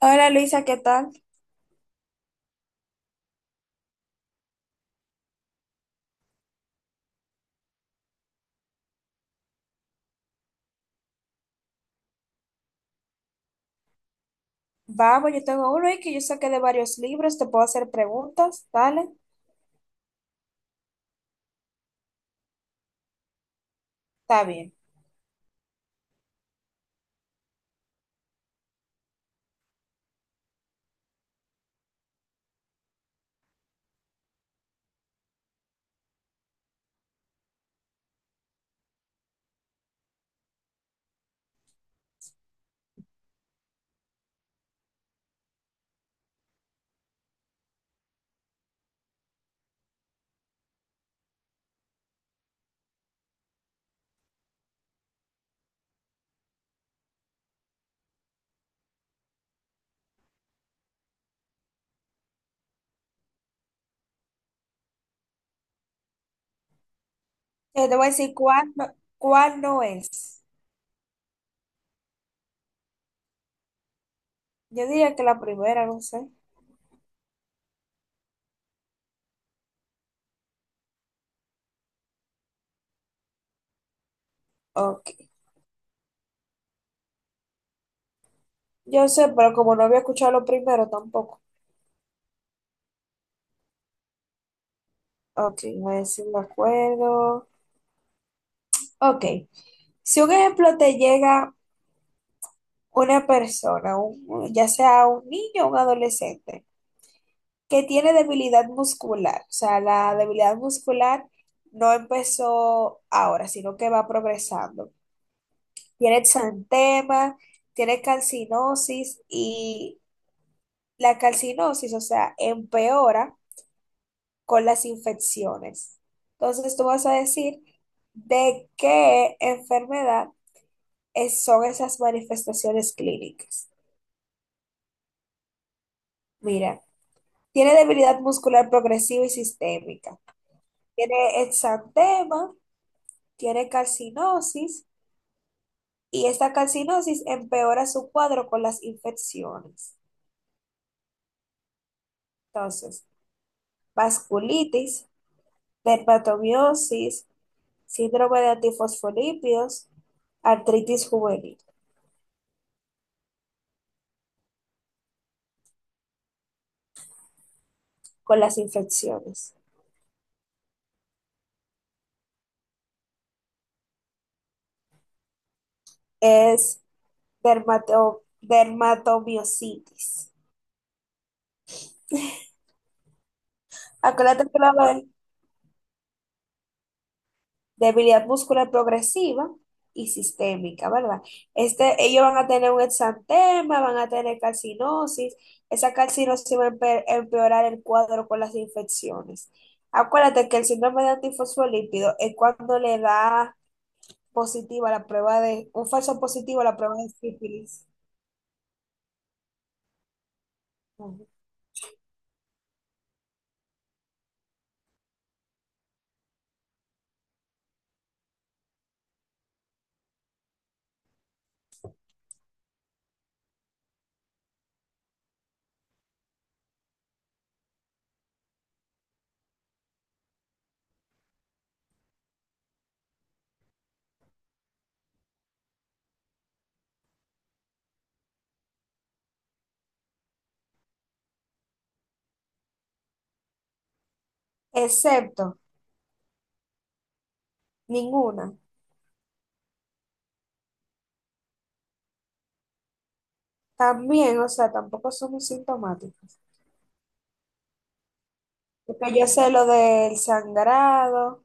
Hola Luisa, ¿qué tal? Vamos, yo tengo uno y que yo saqué de varios libros, te puedo hacer preguntas, dale, está bien. Te voy a decir cuál no es. Yo diría que la primera, no sé. Ok, yo sé, pero como no había escuchado lo primero tampoco. Ok, voy a decir de acuerdo. Ok, si un ejemplo te llega una persona, ya sea un niño o un adolescente, que tiene debilidad muscular. O sea, la debilidad muscular no empezó ahora, sino que va progresando. Tiene exantema, tiene calcinosis y la calcinosis, o sea, empeora con las infecciones. Entonces, tú vas a decir de qué enfermedad son esas manifestaciones clínicas. Mira, tiene debilidad muscular progresiva y sistémica. Tiene exantema, tiene calcinosis y esta calcinosis empeora su cuadro con las infecciones. Entonces, vasculitis, dermatomiosis, síndrome de antifosfolípidos, artritis juvenil con las infecciones. Es dermatomiositis. Acuérdate que la, debilidad muscular progresiva y sistémica, ¿verdad? Este, ellos van a tener un exantema, van a tener calcinosis, esa calcinosis va a empeorar el cuadro con las infecciones. Acuérdate que el síndrome de antifosfolípido es cuando le da positiva la prueba de, un falso positivo a la prueba de sífilis. Ujú. Excepto, ninguna. También, o sea, tampoco son sintomáticos. Porque yo sé lo del sangrado.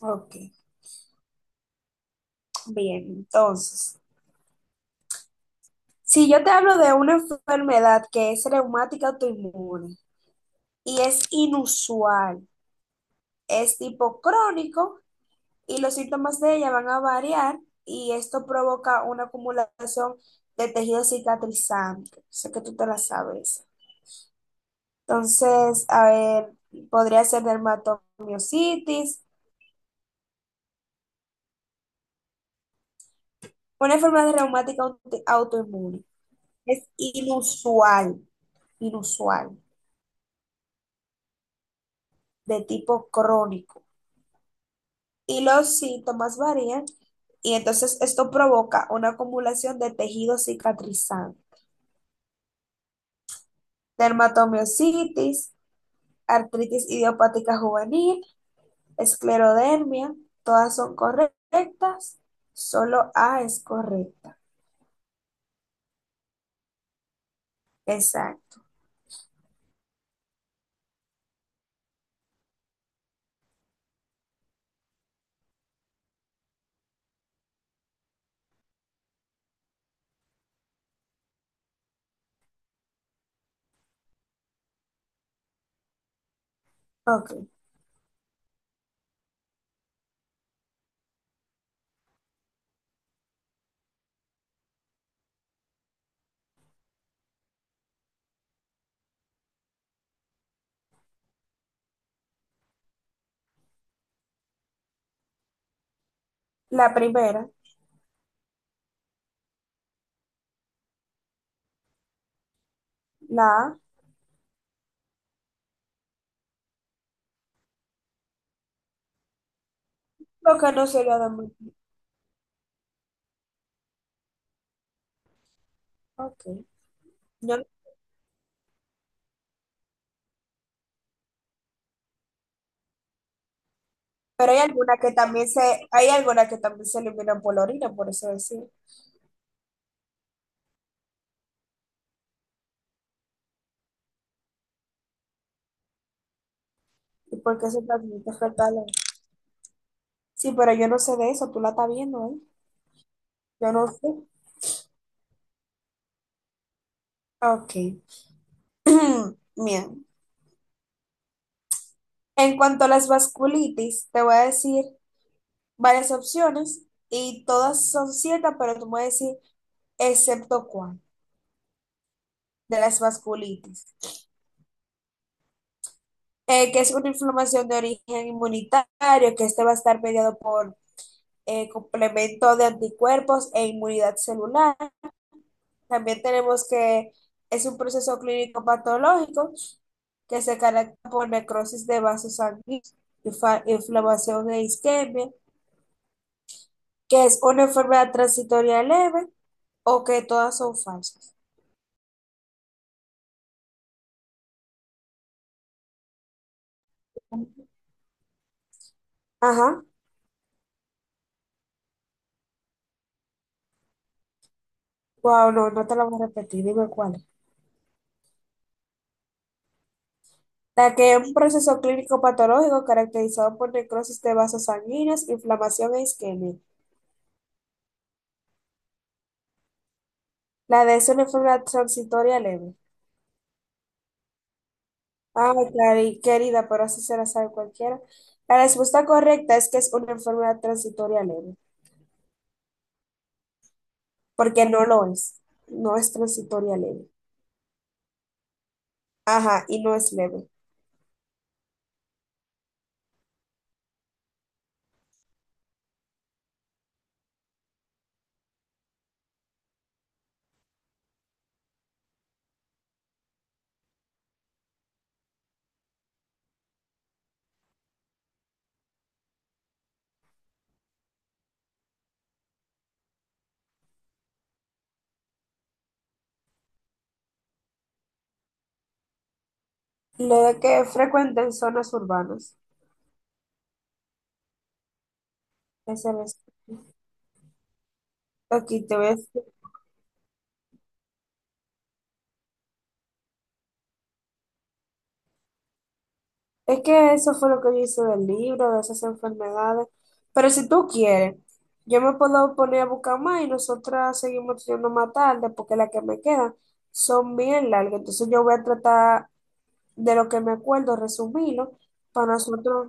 Ok. Bien, entonces, si yo te hablo de una enfermedad que es reumática autoinmune y es inusual, es tipo crónico y los síntomas de ella van a variar y esto provoca una acumulación de tejido cicatrizante. Sé que tú te la sabes. Entonces, a ver, podría ser dermatomiositis, una enfermedad reumática autoinmune. Es inusual, inusual, de tipo crónico. Y los síntomas varían y entonces esto provoca una acumulación de tejido cicatrizante, dermatomiositis, artritis idiopática juvenil, esclerodermia, todas son correctas, solo A es correcta. Exacto. Ok. La primera, la A, lo que no sería de muy... Ok. No, pero hay alguna que también se, hay alguna que también se eliminan por la orina, por eso decir, y porque se transmite fetal. Sí, pero yo no sé de eso, tú la estás viendo, ¿eh? Yo no sé. Ok. Bien. En cuanto a las vasculitis, te voy a decir varias opciones y todas son ciertas, pero tú me vas a decir excepto cuál de las vasculitis, que es una inflamación de origen inmunitario, que este va a estar mediado por complemento de anticuerpos e inmunidad celular. También tenemos que es un proceso clínico patológico que se caracteriza por necrosis de vasos sanguíneos, inflamación e isquemia, que es una enfermedad transitoria leve o que todas son falsas. Ajá. Wow, no, no te la voy a repetir, dime cuál. La que es un proceso clínico patológico caracterizado por necrosis de vasos sanguíneos, inflamación e isquemia. La de es una enfermedad transitoria leve. Ay, querida, pero así se la sabe cualquiera. La respuesta correcta es que es una enfermedad transitoria leve, porque no lo es. No es transitoria leve. Ajá, y no es leve. Lo de que frecuenta en zonas urbanas. Ese es. Aquí te ves. Es que eso fue lo que yo hice del libro, de esas enfermedades. Pero si tú quieres, yo me puedo poner a buscar más y nosotras seguimos estudiando más tarde, porque las que me quedan son bien largas. Entonces yo voy a tratar de lo que me acuerdo, resumilo para nosotros.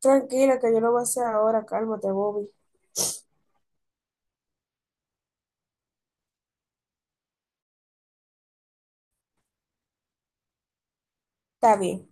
Tranquila, que yo lo voy a hacer ahora, cálmate, Bobby. Está bien.